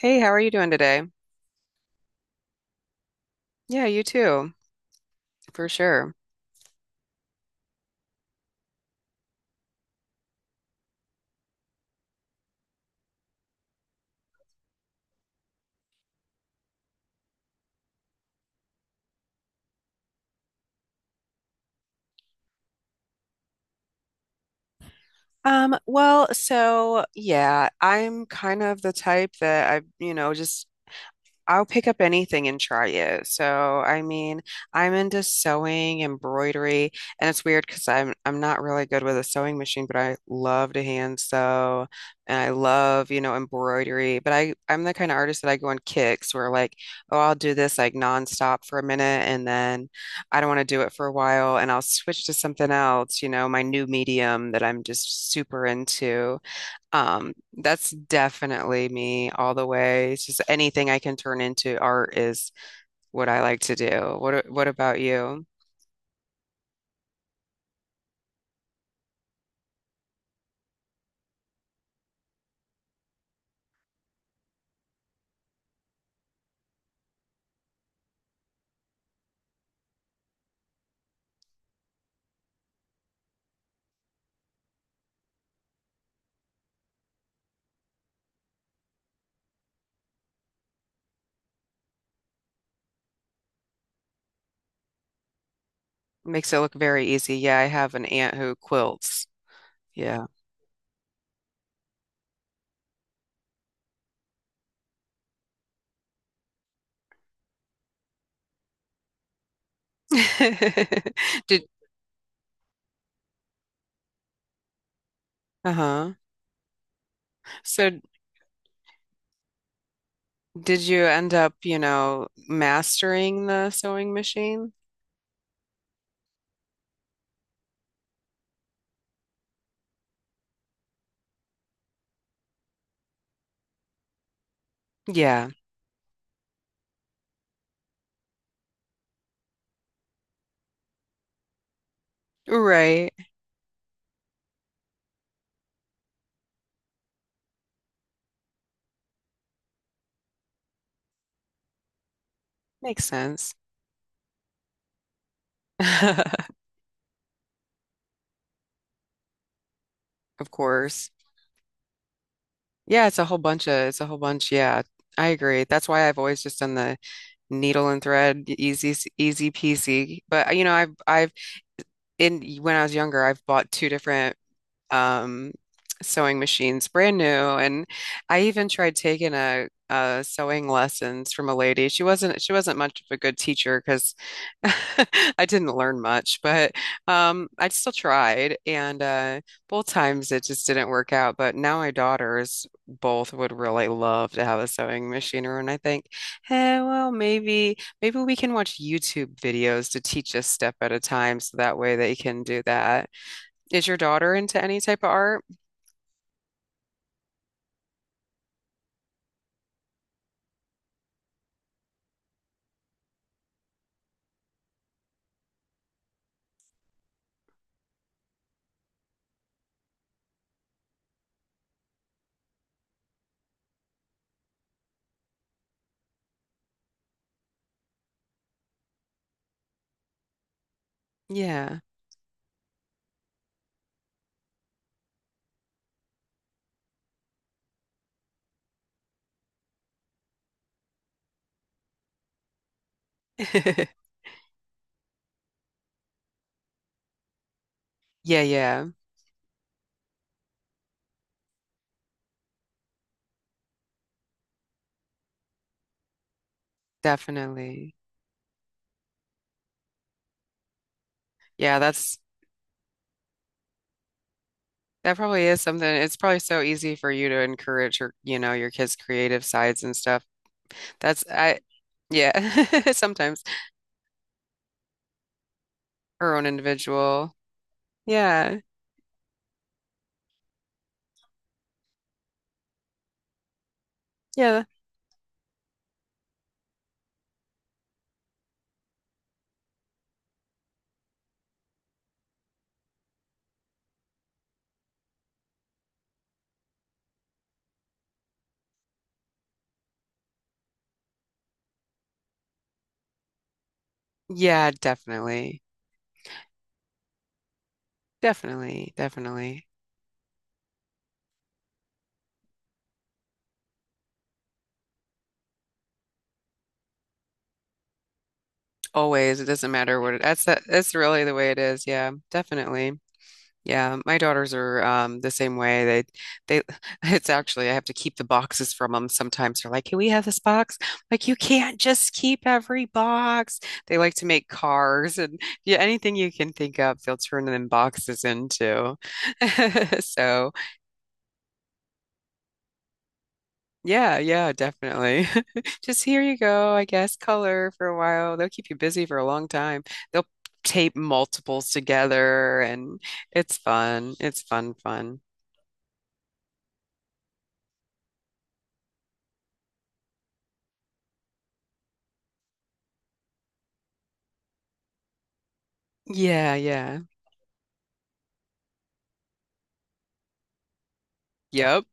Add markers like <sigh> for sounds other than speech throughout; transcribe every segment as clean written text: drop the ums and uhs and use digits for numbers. Hey, how are you doing today? Yeah, you too, for sure. Well, so yeah, I'm kind of the type that just I'll pick up anything and try it. So, I mean, I'm into sewing, embroidery, and it's weird because I'm not really good with a sewing machine, but I love to hand sew and I love embroidery. But I'm the kind of artist that I go on kicks where, like, oh, I'll do this like nonstop for a minute and then I don't want to do it for a while and I'll switch to something else, my new medium that I'm just super into. That's definitely me all the way. It's just anything I can turn into art is what I like to do. What about you? Makes it look very easy. Yeah, I have an aunt who quilts. Yeah. <laughs> Did uh-huh. So did you end up mastering the sewing machine? Yeah. Right. Makes sense. <laughs> Of course. Yeah, it's a whole bunch. Yeah, I agree. That's why I've always just done the needle and thread, easy, easy peasy. But I've in when I was younger, I've bought two different um, sewing machines, brand new. And I even tried taking a sewing lessons from a lady. She wasn't much of a good teacher because <laughs> I didn't learn much, but I still tried. And both times it just didn't work out. But now my daughters both would really love to have a sewing machine, and I think, hey, well, maybe we can watch YouTube videos to teach us step at a time, so that way they can do that. Is your daughter into any type of art? Yeah. <laughs> Yeah, yeah, definitely. Yeah, that probably is something. It's probably so easy for you to encourage your kids' creative sides and stuff. That's I Yeah. <laughs> Sometimes, her own individual. Yeah. Yeah. Yeah, definitely. Definitely, definitely. Always. It doesn't matter that's really the way it is. Yeah, definitely. Yeah, my daughters are the same way. They, <laughs> it's actually, I have to keep the boxes from them sometimes. They're like, can we have this box? Like, you can't just keep every box. They like to make cars and, yeah, anything you can think of, they'll turn them boxes into. <laughs> So, yeah, yeah, definitely. <laughs> Just here you go, I guess, color for a while. They'll keep you busy for a long time. They'll tape multiples together and it's fun. It's fun, fun. Yeah, yeah. Yep.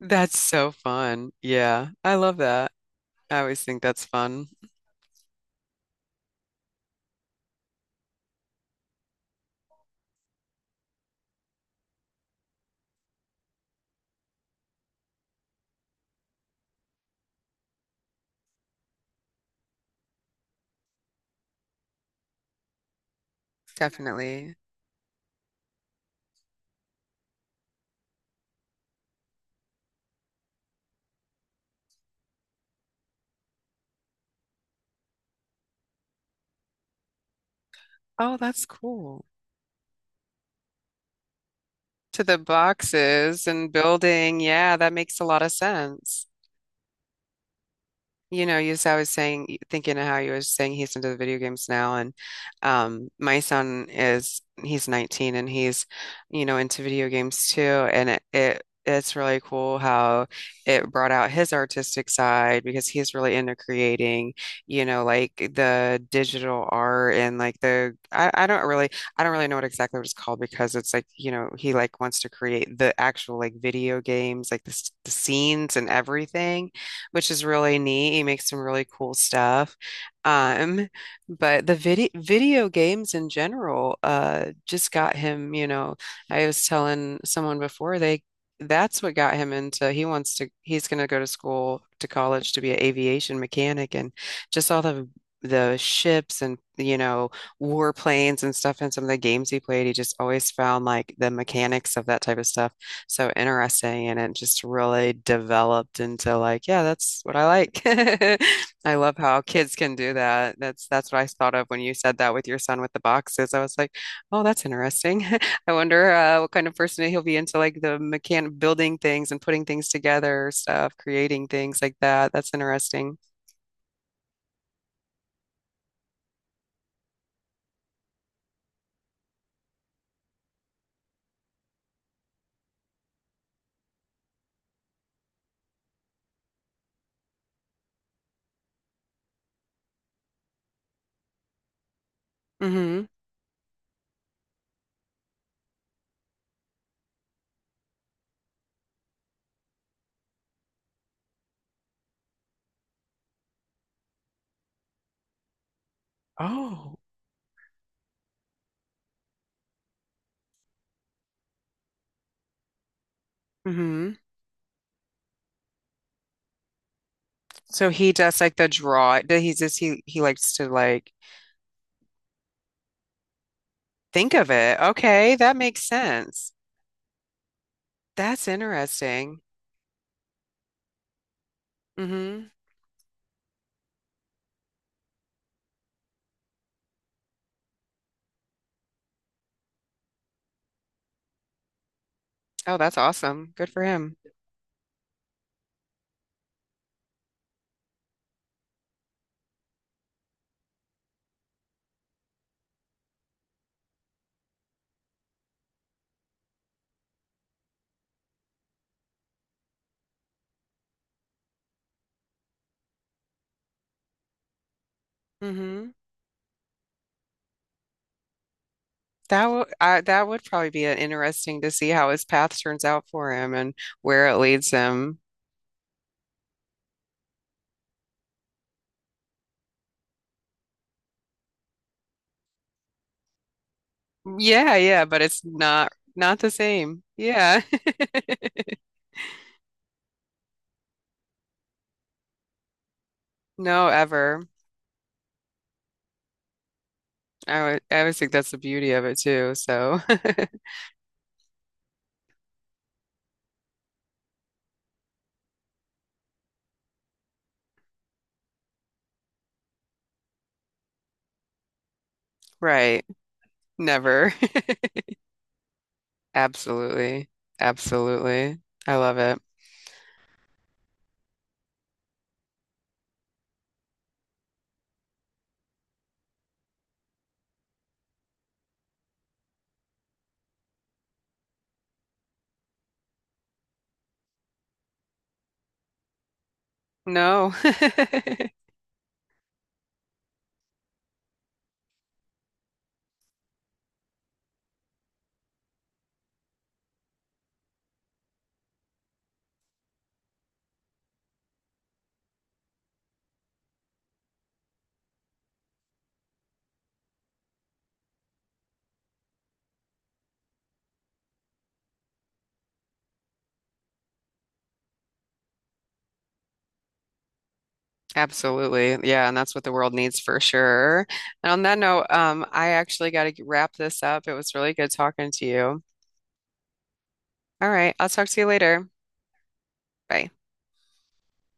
That's so fun. Yeah. I love that. I always think that's fun. Definitely. Oh, that's cool. To the boxes and building. Yeah, that makes a lot of sense. You know, you I was saying, thinking of how you were saying he's into the video games now, and my son is he's 19 and he's into video games too, and it's really cool how it brought out his artistic side, because he's really into creating, like the digital art, and like the I don't really know what exactly what it's called, because it's like, he like wants to create the actual, like, video games, like the, the scenes and everything, which is really neat. He makes some really cool stuff. Um, but the video games in general just got him. I was telling someone before, they that's what got him into. He's going to go to college to be an aviation mechanic, and just all the ships and warplanes and stuff, and some of the games he played, he just always found like the mechanics of that type of stuff so interesting. And it just really developed into, like, yeah, that's what I like. <laughs> I love how kids can do that. That's what I thought of when you said that with your son with the boxes. I was like, oh, that's interesting. <laughs> I wonder, what kind of person he'll be, into like the mechan building things and putting things together stuff, creating things like that. That's interesting. Mm-hmm. Oh. Mm-hmm. So he does like the draw. He just he likes to, like, think of it. Okay, that makes sense. That's interesting. Hmm. Oh, that's awesome. Good for him. Hmm. That would probably be an interesting to see how his path turns out for him and where it leads him. Yeah, yeah, but it's not the same. Yeah. <laughs> No, ever. I always think that's the beauty of it too. So, <laughs> right. Never. <laughs> Absolutely. Absolutely. I love it. No. <laughs> Absolutely. Yeah, and that's what the world needs for sure. And on that note, I actually got to wrap this up. It was really good talking to you. All right, I'll talk to you later. Bye.